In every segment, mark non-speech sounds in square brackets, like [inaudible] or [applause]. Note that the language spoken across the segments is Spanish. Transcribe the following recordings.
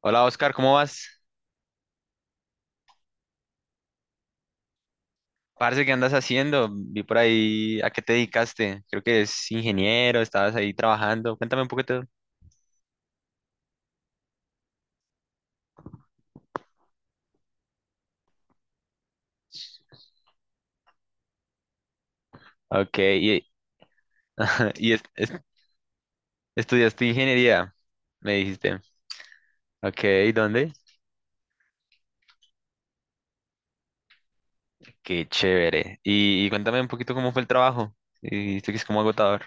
Hola Oscar, ¿cómo vas? Parce, ¿qué andas haciendo? Vi por ahí a qué te dedicaste. Creo que es ingeniero, estabas ahí trabajando. Cuéntame un poquito. Ok, y, [laughs] y es- es- estudiaste ingeniería, me dijiste. Ok, ¿dónde? Qué chévere. Y cuéntame un poquito cómo fue el trabajo. Y dijiste que es como agotador.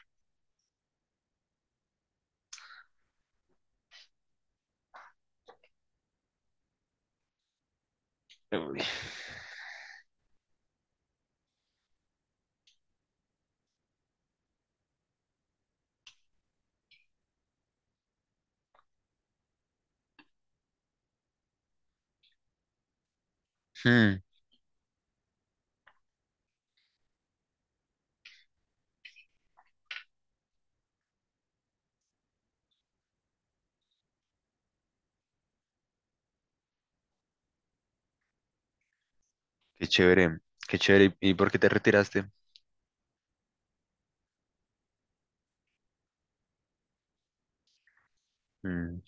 Uy. Hmm, Qué chévere, qué chévere. ¿Y por qué te retiraste? Mm,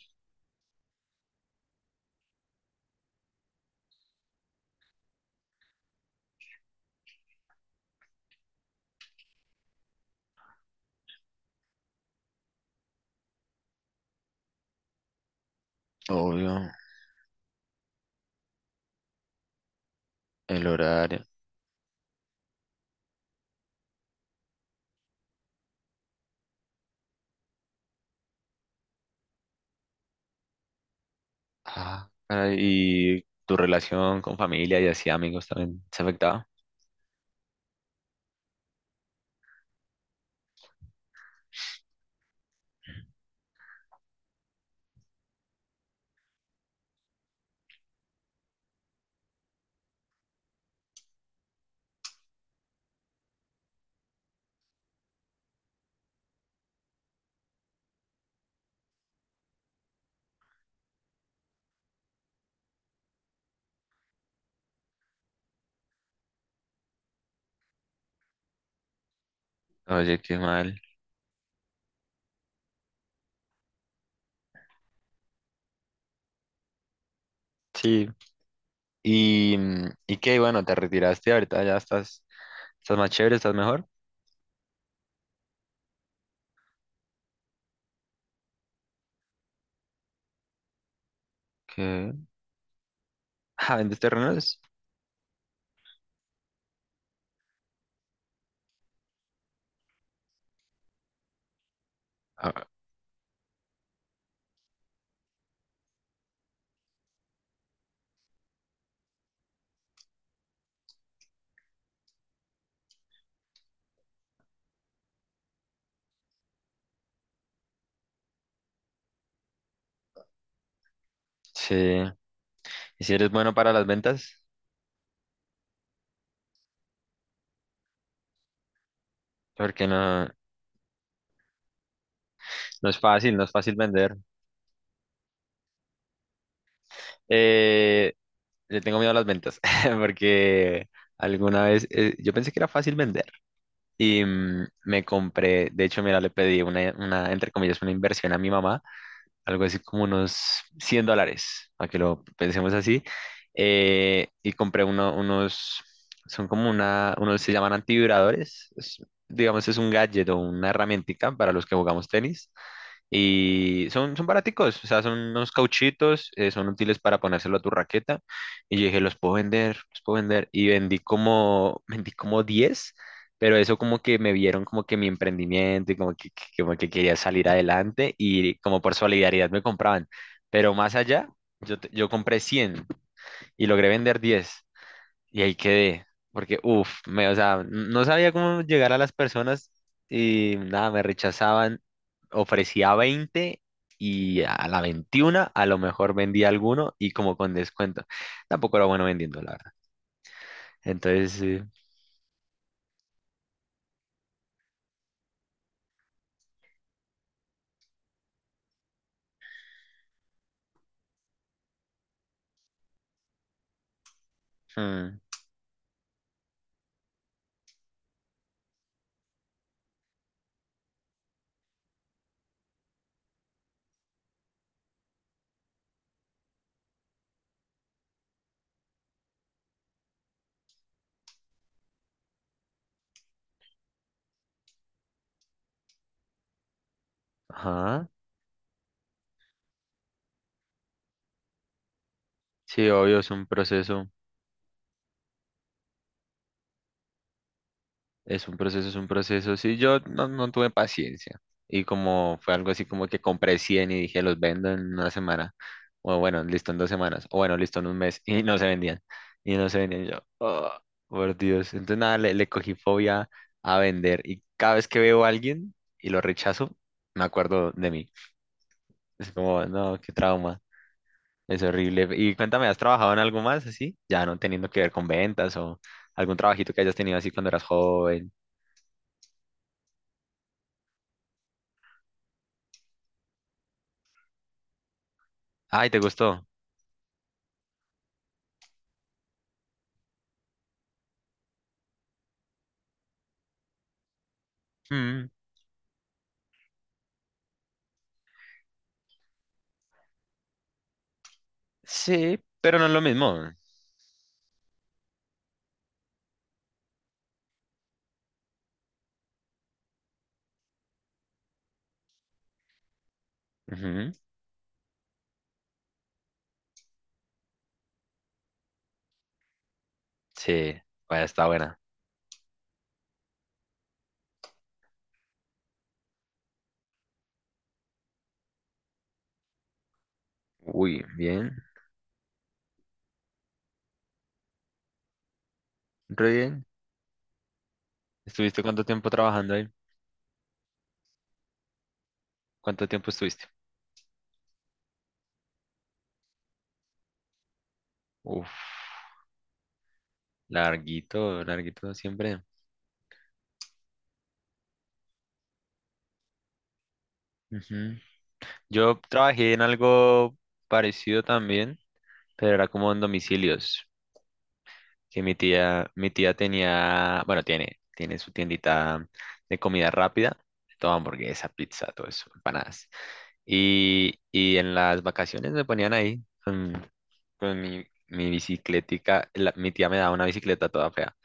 Obvio, el horario. Ah, caray, y tu relación con familia y así amigos también se afectaba. Oye, qué mal. Sí. Y qué, bueno, te retiraste ahorita, estás más chévere, estás mejor. ¿Qué? Ah, ¿vendes terrenos? Ah, sí. ¿Y si eres bueno para las ventas? Porque no, no es fácil, no es fácil vender. Eh, Le tengo miedo a las ventas, [laughs] porque alguna vez yo pensé que era fácil vender y me compré, de hecho, mira, le pedí entre comillas, una inversión a mi mamá, algo así como unos $100, a que lo pensemos así. Y compré unos, son como unos se llaman antivibradores. Digamos, es un gadget o una herramientica para los que jugamos tenis. Y son, son baraticos, o sea, son unos cauchitos, son útiles para ponérselo a tu raqueta. Y yo dije, los puedo vender, los puedo vender. Y vendí como, [laughs] vendí como 10, pero eso como que me vieron como que mi emprendimiento y como que, como que quería salir adelante y como por solidaridad me compraban. Pero más allá, yo, yo compré 100 y logré vender 10 y ahí quedé, porque, uff, o sea, no sabía cómo llegar a las personas y nada, me rechazaban. Ofrecía 20 y a la 21 a lo mejor vendía alguno y como con descuento. Tampoco era bueno vendiendo, la verdad. Entonces, sí. Hmm, ajá. Sí, obvio, es un proceso. Es un proceso, es un proceso. Sí, yo no, no tuve paciencia. Y como fue algo así como que compré 100 y dije, los vendo en una semana. O bueno, listo en 2 semanas. O bueno, listo en un mes. Y no se vendían. Y no se vendían. Y yo, "Oh, por Dios." Entonces nada, le cogí fobia a vender. Y cada vez que veo a alguien y lo rechazo, me acuerdo de mí. Es como, no, qué trauma. Es horrible. Y cuéntame, ¿has trabajado en algo más así? Ya no teniendo que ver con ventas o algún trabajito que hayas tenido así cuando eras joven. Ay, ¿te gustó? Mm, sí, pero no es lo mismo. Ujú. Sí, vaya, está buena. Uy, bien, re bien. ¿Estuviste cuánto tiempo trabajando ahí? ¿Cuánto tiempo estuviste? Uf, larguito, larguito siempre. Ujú. Yo trabajé en algo parecido también, pero era como en domicilios, que mi tía tenía, bueno, tiene, tiene su tiendita de comida rápida, todo hamburguesa, pizza, todo eso, empanadas. Y en las vacaciones me ponían ahí con mi bicicletica. Mi tía me daba una bicicleta toda fea,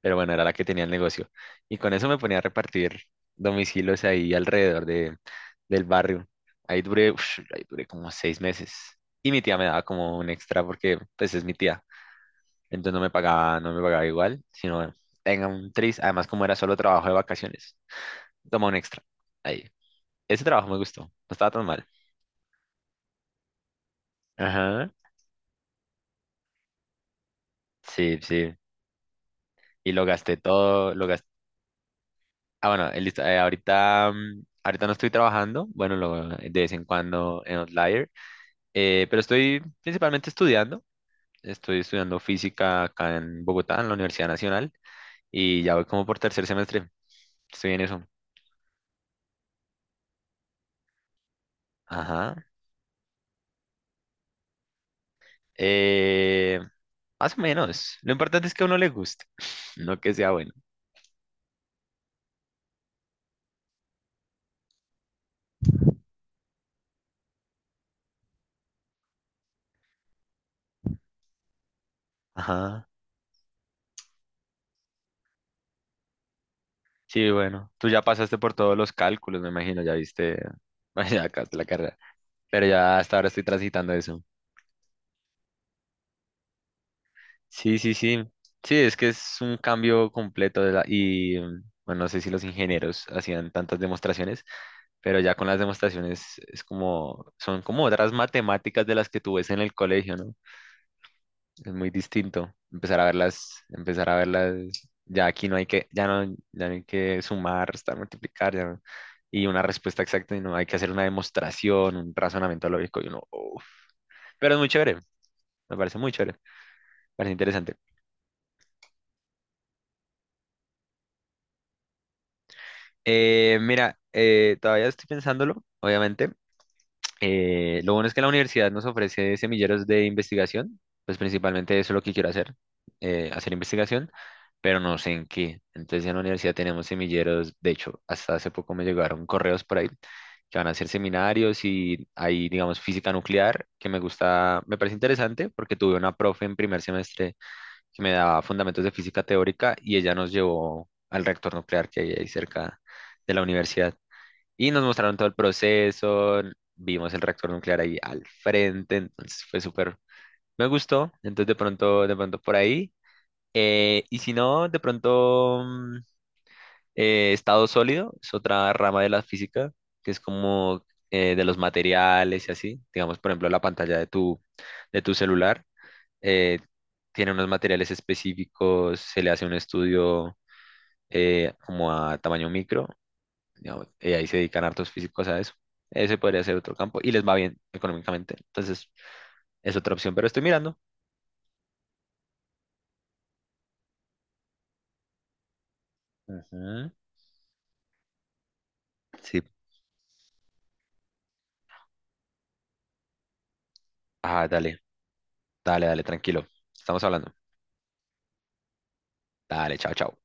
pero bueno, era la que tenía el negocio. Y con eso me ponía a repartir domicilios ahí alrededor del barrio. Ahí duré, ush, ahí duré como 6 meses. Y mi tía me daba como un extra porque pues es mi tía. Entonces no me pagaba, no me pagaba igual, sino tenga un tris. Además, como era solo trabajo de vacaciones, toma un extra. Ahí. Ese trabajo me gustó, no estaba tan mal. Ajá. Sí, sí. Y lo gasté todo, lo gasté. Ah, bueno, listo, ahorita no estoy trabajando, bueno, de vez en cuando en Outlier, pero estoy principalmente estudiando. Estoy estudiando física acá en Bogotá, en la Universidad Nacional, y ya voy como por tercer semestre. Estoy en eso. Ajá. Eh, Más o menos. Lo importante es que a uno le guste, [laughs] no que sea bueno. Ajá. Sí, bueno. Tú ya pasaste por todos los cálculos, me imagino, ya viste, [laughs] ya acabaste la carrera. Pero ya hasta ahora estoy transitando eso. Sí, sí, sí. Sí, es que es un cambio completo de la- y bueno, no sé si los ingenieros hacían tantas demostraciones, pero ya con las demostraciones es como, son como otras matemáticas de las que tú ves en el colegio, ¿no? Es muy distinto. Empezar a verlas, ya aquí no hay que, ya no, ya no hay que sumar, restar, multiplicar, ya no. Y una respuesta exacta, y no hay que hacer una demostración, un razonamiento lógico, y uno, "Uf". Pero es muy chévere, me parece muy chévere, me parece interesante. Mira, todavía estoy pensándolo, obviamente. Lo bueno es que la universidad nos ofrece semilleros de investigación, pues principalmente eso es lo que quiero hacer, hacer investigación, pero no sé en qué. Entonces en la universidad tenemos semilleros, de hecho, hasta hace poco me llegaron correos por ahí que van a hacer seminarios y hay, digamos, física nuclear, que me gusta, me parece interesante porque tuve una profe en primer semestre que me daba fundamentos de física teórica y ella nos llevó al reactor nuclear que hay ahí cerca de la universidad. Y nos mostraron todo el proceso, vimos el reactor nuclear ahí al frente, entonces fue súper, me gustó, entonces de pronto por ahí. Y si no, de pronto estado sólido es otra rama de la física, que es como de los materiales y así, digamos, por ejemplo, la pantalla de tu, celular eh, tiene unos materiales específicos, se le hace un estudio como a tamaño micro, digamos, y ahí se dedican hartos físicos a eso. Ese podría ser otro campo y les va bien económicamente. Entonces, es otra opción, pero estoy mirando. Ujú. Sí. Ah, dale, dale, dale, tranquilo. Estamos hablando. Dale, chao, chao.